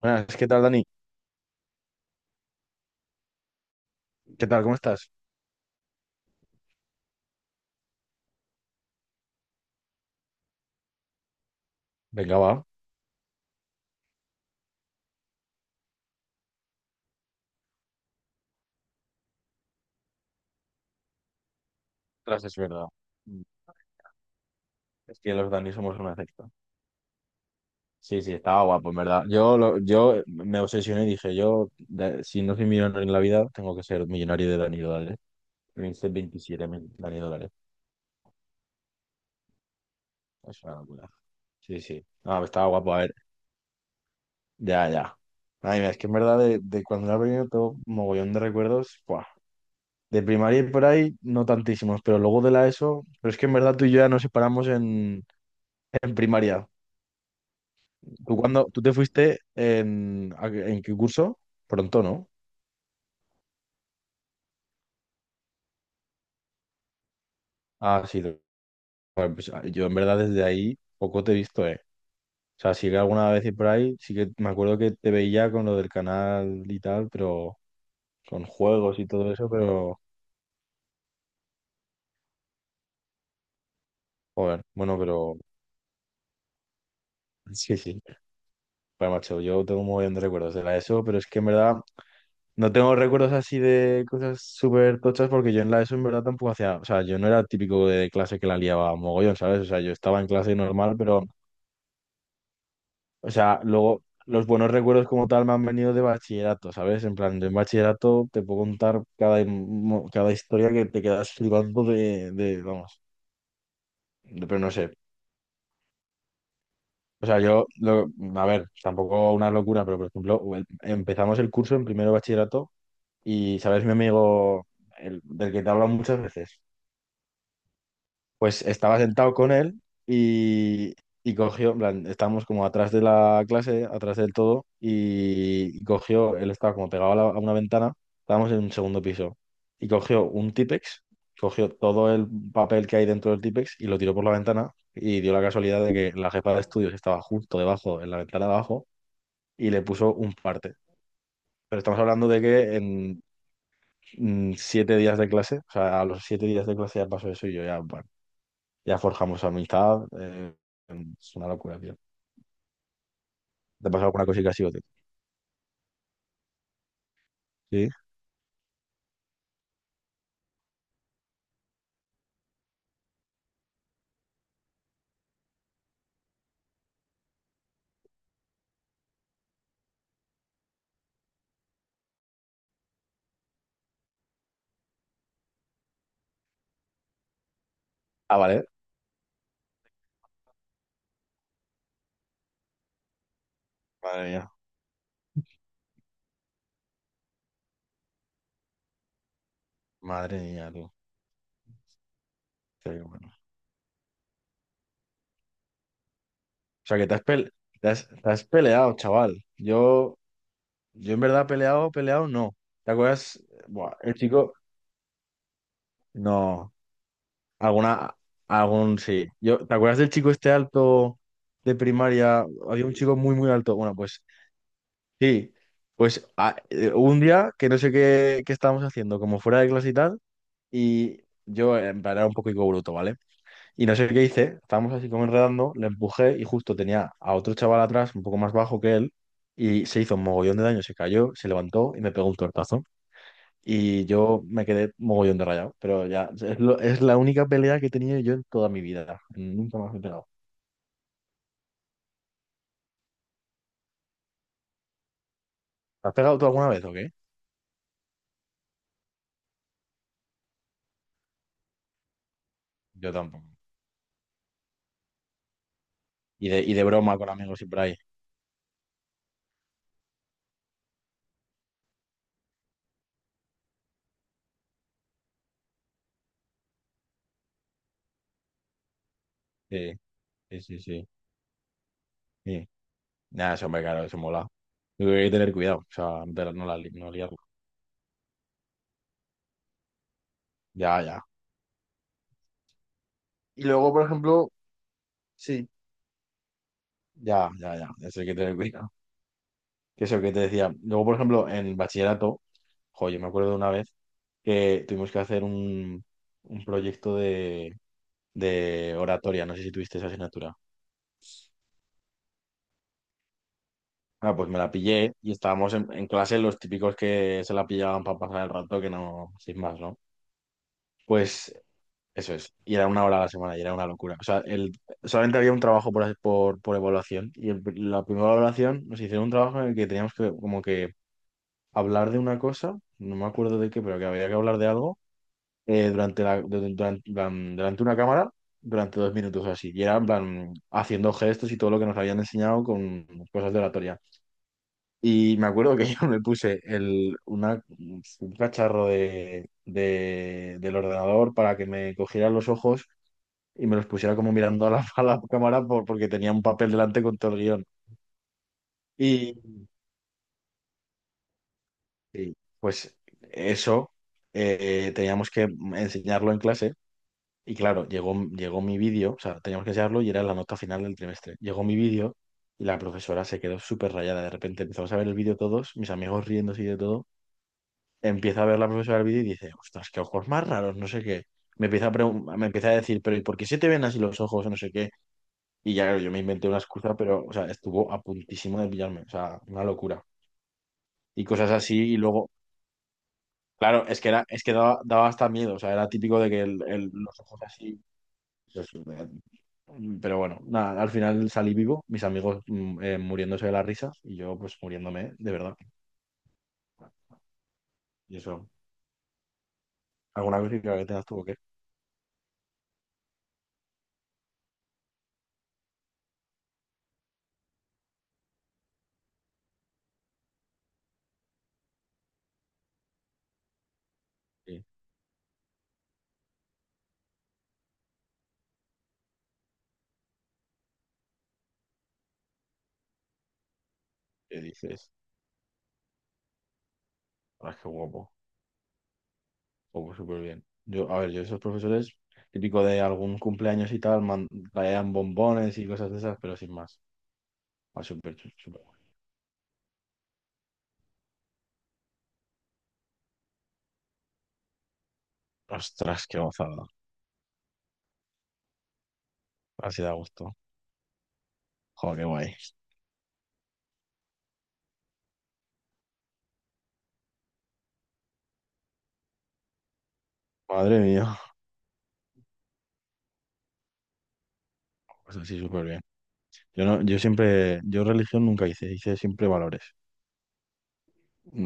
Buenas, ¿qué tal, Dani? ¿Qué tal? ¿Cómo estás? Venga, va. Ostras, es verdad. Mm, Es que los Dani somos una secta. Sí, sí, estaba guapo, en verdad. Yo me obsesioné y dije, yo, si no soy millonario en la vida, tengo que ser millonario de Dani Dólares. Me hice 27.000 Dani Dólares. Es una locura. Sí, sí. Ah, estaba guapo, a ver. Ya, ya. Ay, mira, es que en verdad de cuando era pequeño tengo mogollón de recuerdos. Buah. De primaria y por ahí, no tantísimos, pero luego de la ESO, pero es que en verdad tú y yo ya nos separamos en primaria. ¿Tú cuando tú te fuiste en qué curso? Pronto, ¿no? Ah, sí. Bueno, pues, yo en verdad desde ahí poco te he visto, ¿eh? O sea, sí que alguna vez por ahí, sí que me acuerdo que te veía con lo del canal y tal, pero con juegos y todo eso, pero joder, bueno, pero sí, sí. Bueno, macho, yo tengo un montón de recuerdos de la ESO, pero es que en verdad no tengo recuerdos así de cosas súper tochas porque yo en la ESO en verdad tampoco hacía, o sea, yo no era el típico de clase que la liaba mogollón, ¿sabes? O sea, yo estaba en clase normal, pero. O sea, luego los buenos recuerdos como tal me han venido de bachillerato, ¿sabes? En plan, de en bachillerato te puedo contar cada historia que te quedas flipando de, vamos, pero no sé. O sea, a ver, tampoco una locura, pero por ejemplo, empezamos el curso en primero de bachillerato y, ¿sabes? Mi amigo, del que te he hablado muchas veces. Pues estaba sentado con él y cogió, en plan, estábamos como atrás de la clase, atrás del todo, y, cogió, él estaba como pegado a una ventana, estábamos en un segundo piso, y cogió un Típex, cogió todo el papel que hay dentro del Típex y lo tiró por la ventana, y dio la casualidad de que la jefa de estudios estaba justo debajo, en la ventana de abajo, y le puso un parte. Pero estamos hablando de que en 7 días de clase, o sea, a los 7 días de clase ya pasó eso y yo ya, bueno, ya forjamos amistad. Es una locura, tío. ¿Te ha pasado alguna cosita así Sí. Ah, vale. Madre mía. Madre mía, tú. Qué bueno. O sea, que te has peleado, chaval. Yo en verdad peleado, peleado, no. ¿Te acuerdas? Buah, el chico. No. Alguna. Algún sí. Yo, ¿te acuerdas del chico este alto de primaria? Había un chico muy, muy alto. Bueno, pues sí. Pues hubo un día que no sé qué estábamos haciendo, como fuera de clase y tal. Y yo, en plan, era un poco higo bruto, ¿vale? Y no sé qué hice, estábamos así como enredando, le empujé y justo tenía a otro chaval atrás, un poco más bajo que él, y se hizo un mogollón de daño, se cayó, se levantó y me pegó un tortazo. Y yo me quedé mogollón de rayado, pero ya, es la única pelea que he tenido yo en toda mi vida. Nunca más me he pegado. ¿Te has pegado tú alguna vez o qué? Yo tampoco. Y de broma con amigos y por ahí. Sí, sí, sí, sí. Sí. Nada, eso, hombre, claro, eso mola. Yo creo que hay que tener cuidado, o sea, pero no no liarla. Ya, ya. Y luego, por ejemplo, sí, ya, ya, ya, es el que te cuidado. Que es el que te decía. Luego, por ejemplo, en el bachillerato, jo, yo me acuerdo de una vez que tuvimos que hacer un proyecto de oratoria. No sé si tuviste esa asignatura. Ah, pues me la pillé y estábamos en, clase los típicos que se la pillaban para pasar el rato, que no, sin más, ¿no? Pues eso es. Y era una hora a la semana y era una locura. O sea, solamente había un trabajo por evaluación y la primera evaluación nos hicieron un trabajo en el que teníamos que como que hablar de una cosa, no me acuerdo de qué, pero que había que hablar de algo eh, durante la, du- durante en plan, delante de una cámara durante 2 minutos o así. Y era en plan, haciendo gestos y todo lo que nos habían enseñado con cosas de oratoria. Y me acuerdo que yo me puse un cacharro del ordenador para que me cogieran los ojos y me los pusiera como mirando a la, a la cámara porque tenía un papel delante con todo el guión. Y, pues eso, teníamos que enseñarlo en clase. Y claro, llegó mi vídeo, o sea, teníamos que enseñarlo y era la nota final del trimestre. Llegó mi vídeo y la profesora se quedó súper rayada. De repente empezamos a ver el vídeo todos, mis amigos riéndose y de todo. Empieza a ver la profesora el vídeo y dice, ostras, qué ojos más raros, no sé qué. Me empieza a decir, pero ¿y por qué se te ven así los ojos? O no sé qué. Y ya, claro, yo me inventé una excusa, pero, o sea, estuvo a puntísimo de pillarme, o sea, una locura. Y cosas así, y luego, claro, es que daba hasta miedo, o sea, era típico de que los ojos así. Yo sí me-. Pero bueno, nada, al final salí vivo, mis amigos muriéndose de la risa y yo pues muriéndome de verdad. Y eso, alguna crítica que tengas tuvo que que dices, ah, qué guapo, guapo, súper bien. Yo, a ver, yo esos profesores, típico de algún cumpleaños y tal, traían bombones y cosas de esas, pero sin más. Ah, súper, súper guay. Ostras, qué gozada. Así da gusto. Joder, qué guay. Madre mía, pues así súper bien. Yo no, yo siempre, yo religión nunca hice siempre valores.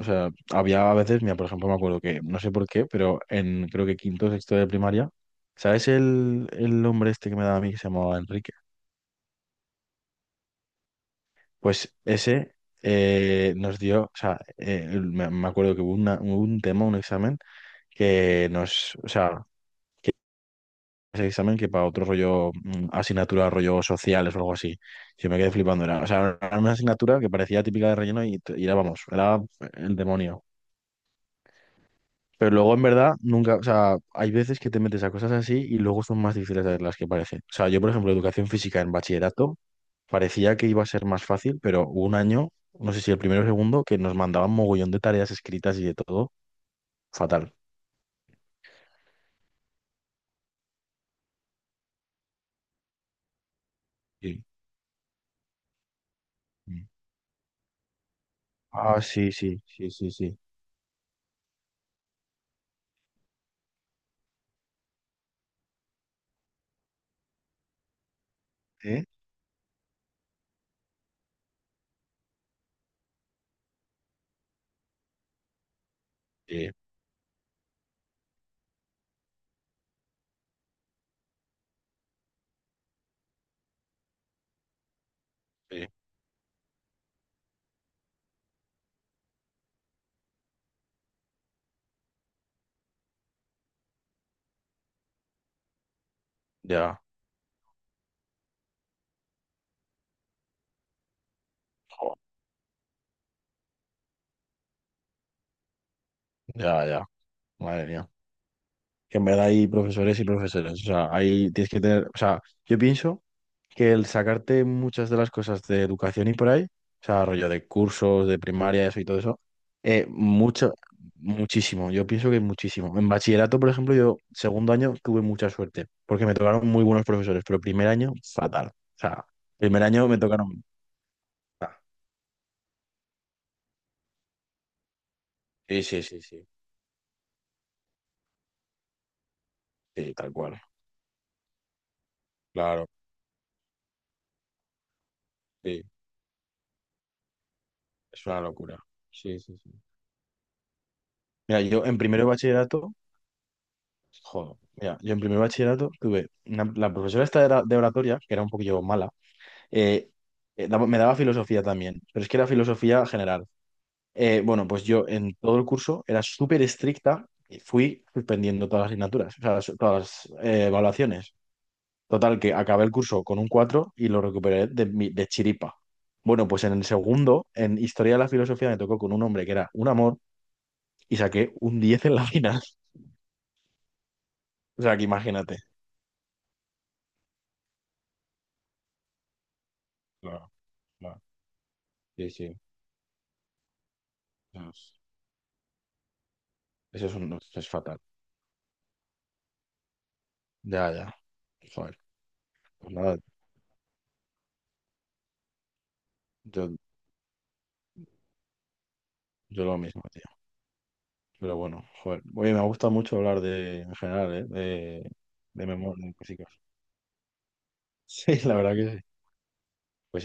O sea, había a veces, mira, por ejemplo, me acuerdo que, no sé por qué, pero en creo que quinto o sexto de primaria, ¿sabes el hombre este que me daba a mí que se llamaba Enrique? Pues ese nos dio, o sea, me acuerdo que hubo un tema, un examen que nos, o sea, que ese examen que para otro rollo, asignatura, rollo sociales o algo así, yo me quedé flipando, era, o sea, era una asignatura que parecía típica de relleno y era, vamos, era el demonio. Pero luego en verdad nunca, o sea, hay veces que te metes a cosas así y luego son más difíciles de las que parecen. O sea, yo por ejemplo, educación física en bachillerato parecía que iba a ser más fácil, pero hubo un año, no sé si el primero o segundo, que nos mandaban mogollón de tareas escritas y de todo, fatal. Sí. Mm. Ah, sí, sí, sí, sí, sí. ¿Eh? Sí, sí, ya, jo, ya, ya, madre mía. Que en verdad hay profesores y profesores, o sea, ahí tienes que tener, o sea, yo pienso... Que el sacarte muchas de las cosas de educación y por ahí, o sea, rollo de cursos, de primaria, eso y todo eso, mucho, muchísimo, yo pienso que muchísimo. En bachillerato, por ejemplo, yo segundo año tuve mucha suerte, porque me tocaron muy buenos profesores, pero primer año, fatal. O sea, primer año me tocaron... ah, Sí, sí, sí, sí, sí, tal cual, claro, sí, es una locura. Sí, sí, sí. Mira, yo en primero de bachillerato, joder, mira, yo en primero de bachillerato tuve la profesora esta de oratoria, que era un poquillo mala. Eh, Me daba filosofía también, pero es que era filosofía general. Bueno, pues yo en todo el curso era súper estricta y fui suspendiendo todas las asignaturas, o sea, todas las evaluaciones. Total, que acabé el curso con un 4 y lo recuperé de chiripa. Bueno, pues en el segundo, en Historia de la Filosofía, me tocó con un hombre que era un amor y saqué un 10 en la final. O sea, que imagínate. Claro, claro. Sí, sí. Eso es, es fatal. Ya, ya. Joder, pues nada, yo Yo lo mismo, tío. Pero bueno, joder. Oye, me gusta mucho hablar de, en general, ¿eh? De memoria, de músicos. Sí, la verdad que sí. Pues